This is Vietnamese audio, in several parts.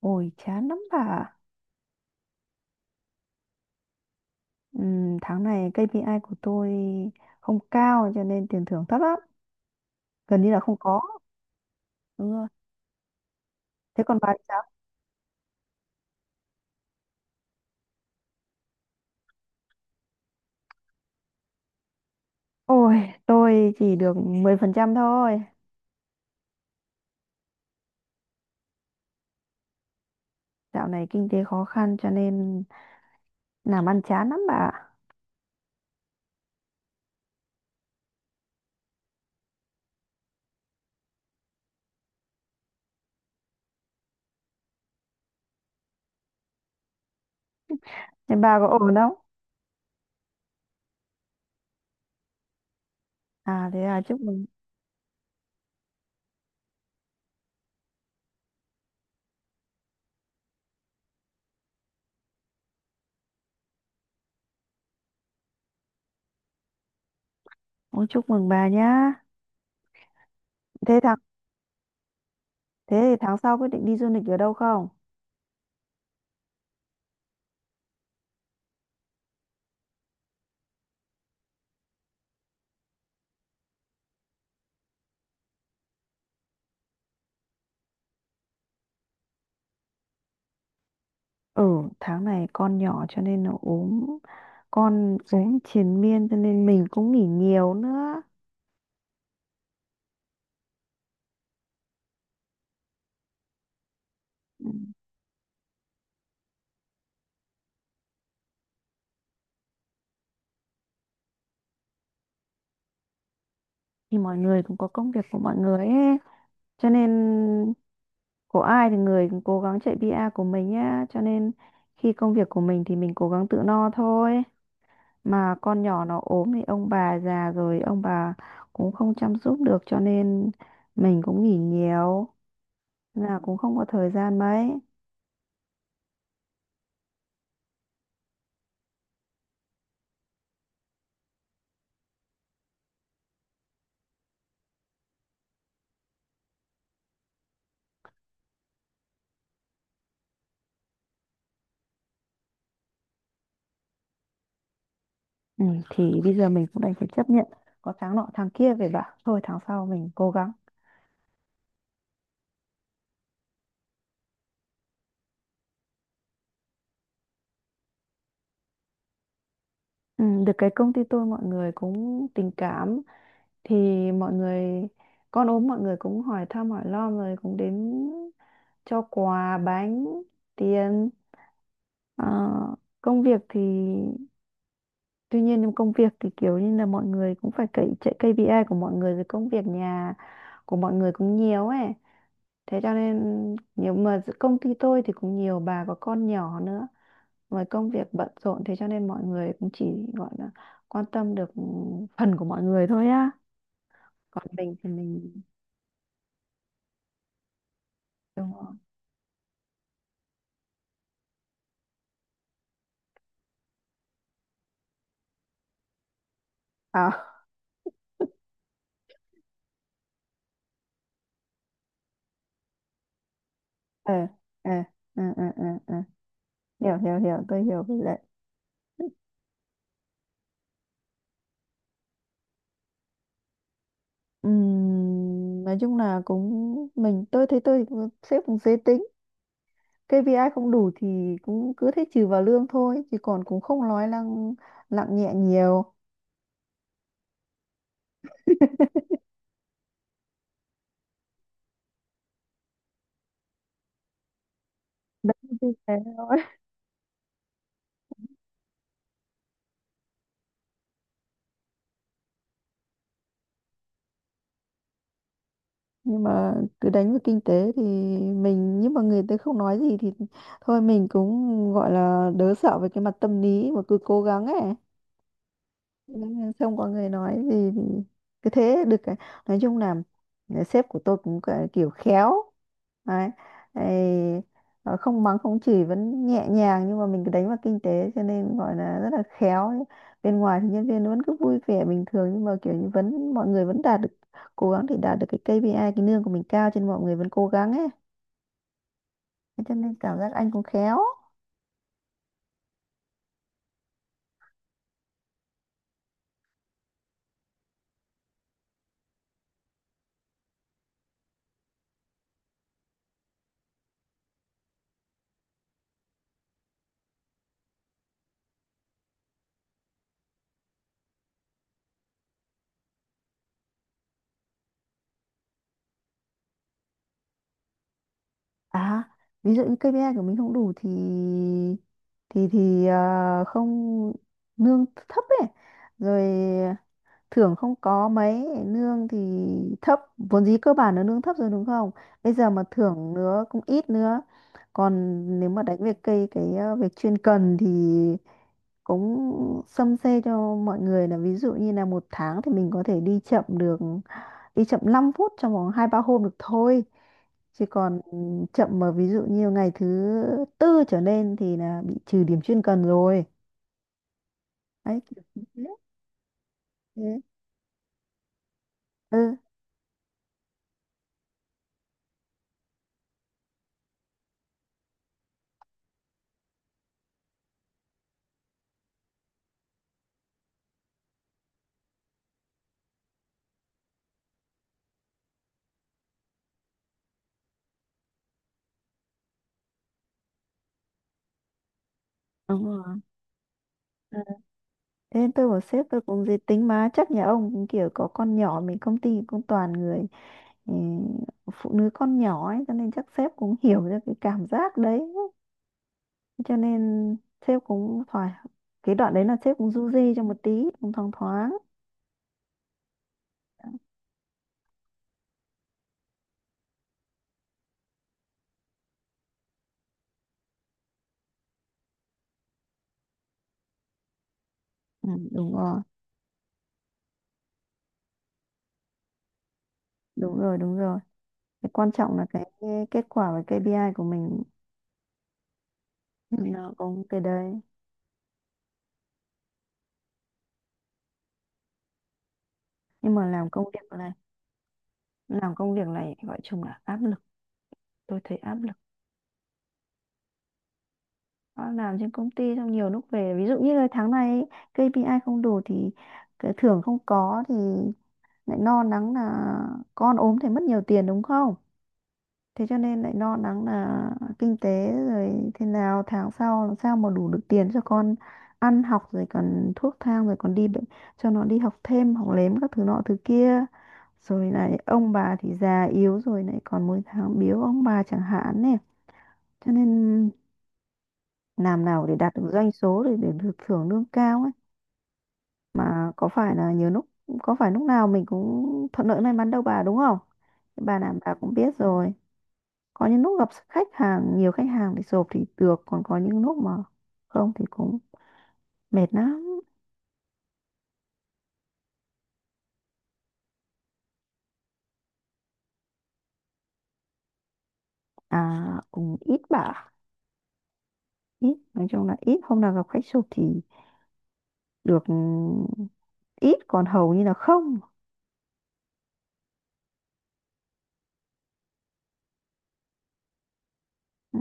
Ôi chán lắm bà ạ. Tháng này KPI của tôi không cao cho nên tiền thưởng thấp lắm, gần như là không có. Đúng rồi. Thế còn bà thì sao? Ôi, tôi chỉ được 10% thôi. Dạo này kinh tế khó khăn cho nên làm ăn chán lắm bà ạ. Thế bà có ổn không? À, thế à? Chúc mừng. Ôi chúc mừng bà nhá. thế tháng Thế thì tháng sau quyết định đi du lịch ở đâu không? Ừ, tháng này con nhỏ cho nên nó ốm, con ốm triền miên cho nên mình cũng nghỉ nhiều nữa. Thì mọi người cũng có công việc của mọi người ấy, cho nên của ai thì người cũng cố gắng chạy PR của mình nhá. Cho nên khi công việc của mình thì mình cố gắng tự no thôi. Mà con nhỏ nó ốm thì ông bà già rồi, ông bà cũng không chăm giúp được cho nên mình cũng nghỉ nhiều, là cũng không có thời gian mấy. Ừ, thì bây giờ mình cũng đành phải chấp nhận, có tháng nọ tháng kia về bảo thôi tháng sau mình cố gắng. Ừ, được cái công ty tôi mọi người cũng tình cảm, thì mọi người, con ốm mọi người cũng hỏi thăm hỏi lo rồi cũng đến cho quà bánh, tiền. Ờ, công việc thì tuy nhiên nhưng công việc thì kiểu như là mọi người cũng phải cậy chạy KPI của mọi người, rồi công việc nhà của mọi người cũng nhiều ấy, thế cho nên nhiều, mà giữa công ty tôi thì cũng nhiều bà có con nhỏ nữa, với công việc bận rộn thế cho nên mọi người cũng chỉ gọi là quan tâm được phần của mọi người thôi á. Còn mình thì mình, đúng không? À, ừ, ừ, ừ, ừ, ừ, ừ. Hiểu, hiểu, hiểu, tôi hiểu. Với lại nói chung là cũng mình, tôi thấy sếp cũng dễ tính. KPI không đủ thì cũng cứ thế trừ vào lương thôi, chứ còn cũng không nói năng nặng nhẹ nhiều. Đấy, như thế thôi. Nhưng mà cứ đánh vào kinh tế thì mình, nhưng mà người ta không nói gì thì thôi, mình cũng gọi là đỡ sợ về cái mặt tâm lý mà cứ cố gắng ấy, nên không có người nói gì thì cứ thế được cả. Nói chung là sếp của tôi kiểu khéo đấy. Ấy, không mắng không chửi, vẫn nhẹ nhàng nhưng mà mình cứ đánh vào kinh tế cho nên gọi là rất là khéo ấy. Bên ngoài thì nhân viên vẫn cứ vui vẻ bình thường, nhưng mà kiểu như vẫn mọi người vẫn đạt được, cố gắng thì đạt được cái KPI, cái lương của mình cao cho nên mọi người vẫn cố gắng ấy. Thế cho nên cảm giác anh cũng khéo. À, ví dụ như KPI của mình không đủ thì không, lương thấp ấy, rồi thưởng không có mấy, lương thì thấp, vốn dĩ cơ bản nó lương thấp rồi đúng không? Bây giờ mà thưởng nữa cũng ít nữa. Còn nếu mà đánh về cây cái việc chuyên cần thì cũng xâm xê cho mọi người là, ví dụ như là một tháng thì mình có thể đi chậm được, đi chậm 5 phút trong vòng hai ba hôm được thôi, chứ còn chậm mà ví dụ như ngày thứ tư trở lên thì là bị trừ điểm chuyên cần rồi. Đấy, kiểu như thế. Thế- ừ. Đúng rồi. Ờ, thế nên tôi bảo sếp tôi cũng dễ tính, mà chắc nhà ông cũng kiểu có con nhỏ, mình công ty cũng toàn người, ừ, phụ nữ con nhỏ ấy, cho nên chắc sếp cũng hiểu ra cái cảm giác đấy, cho nên sếp cũng thoải, cái đoạn đấy là sếp cũng du di cho một tí. Cũng thoáng thoáng. Ừ, đúng rồi. Đúng rồi, đúng rồi. Cái quan trọng là cái kết quả và KPI của mình, nó có cái đấy. Nhưng mà làm công việc này gọi chung là áp lực, tôi thấy áp lực. Nó làm trên công ty, xong nhiều lúc về ví dụ như là tháng này ấy, KPI không đủ thì cái thưởng không có thì lại lo lắng là con ốm thì mất nhiều tiền đúng không. Thế cho nên lại lo lắng là kinh tế, rồi thế nào tháng sau làm sao mà đủ được tiền cho con ăn học, rồi còn thuốc thang, rồi còn đi bệnh, cho nó đi học thêm học lếm các thứ nọ thứ kia, rồi lại ông bà thì già yếu, rồi lại còn mỗi tháng biếu ông bà chẳng hạn này. Cho nên làm nào để đạt được doanh số để được thưởng lương cao ấy. Mà có phải là nhiều lúc, có phải lúc nào mình cũng thuận lợi may mắn đâu bà, đúng không? Bà làm bà cũng biết rồi. Có những lúc gặp khách hàng, nhiều khách hàng thì sộp thì được, còn có những lúc mà không thì cũng mệt lắm. À, cũng ít bả. Ít, nói chung là ít, hôm nào gặp khách sộp thì được. Ừ, ít, còn hầu như là không. Ừ,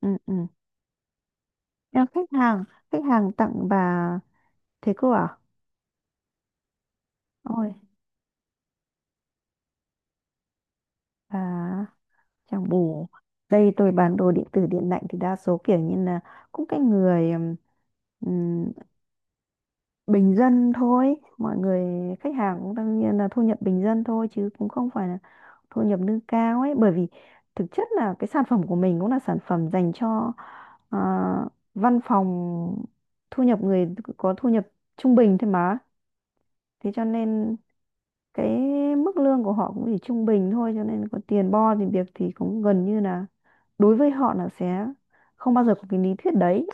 ừ, ừ. Nhưng khách hàng, khách hàng tặng bà thế cô à? Ôi bà, chẳng bù, đây tôi bán đồ điện tử điện lạnh thì đa số kiểu như là cũng cái người ừm, bình dân thôi. Mọi người khách hàng cũng đương nhiên là thu nhập bình dân thôi, chứ cũng không phải là thu nhập nâng cao ấy, bởi vì thực chất là cái sản phẩm của mình cũng là sản phẩm dành cho à, văn phòng, thu nhập người có thu nhập trung bình thôi mà. Thế cho nên cái mức lương của họ cũng chỉ trung bình thôi, cho nên có tiền bo thì việc thì cũng gần như là đối với họ là sẽ không bao giờ có cái lý thuyết đấy.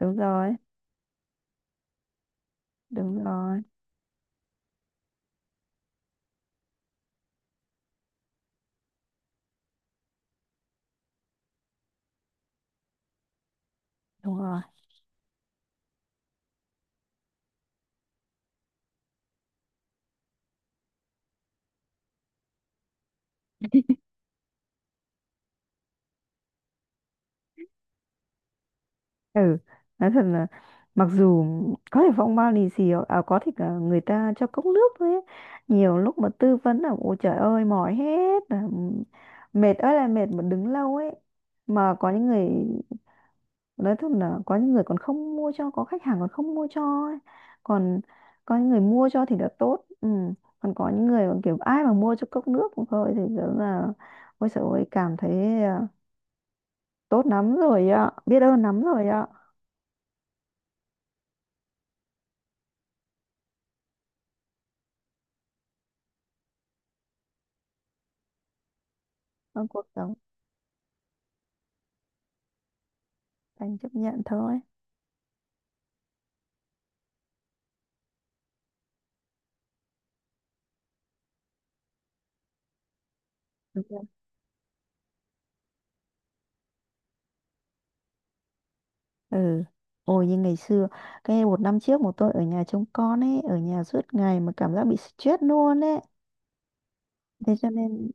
Đúng rồi, đúng rồi, đúng rồi. Ừ, nói thật là mặc dù có thể phong bao lì xì có thể cả người ta cho cốc nước thôi ấy. Nhiều lúc mà tư vấn là ôi trời ơi, mỏi hết, là mệt ơi là mệt mà đứng lâu ấy. Mà có những người, nói thật là có những người còn không mua cho, có khách hàng còn không mua cho ấy. Còn có những người mua cho thì đã tốt. Ừ. Còn có những người mà kiểu ai mà mua cho cốc nước cũng thôi thì rất là ôi trời ơi cảm thấy tốt lắm rồi ạ, biết ơn lắm rồi ạ. Ờ, cuộc sống, anh chấp nhận thôi. Đúng rồi. Ừ, ôi như ngày xưa, cái một năm trước một tôi ở nhà trông con ấy, ở nhà suốt ngày mà cảm giác bị stress luôn ấy. Thế cho nên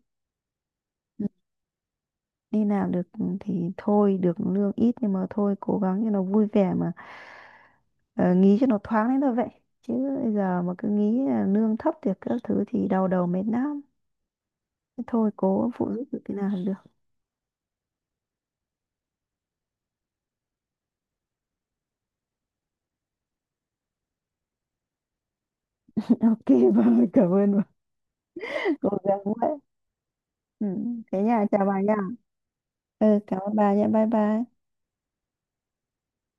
đi làm được thì thôi, được lương ít nhưng mà thôi cố gắng cho nó vui vẻ mà, ờ, nghĩ cho nó thoáng đến thôi vậy, chứ bây giờ mà cứ nghĩ là lương thấp thì các thứ thì đau đầu mệt lắm. Thế thôi cố phụ giúp được thế nào là được. Ok vâng cảm ơn, vâng. Cố gắng vậy. Ừ, thế nha, chào bà nha. Ừ, cảm ơn bà nha, bye bye.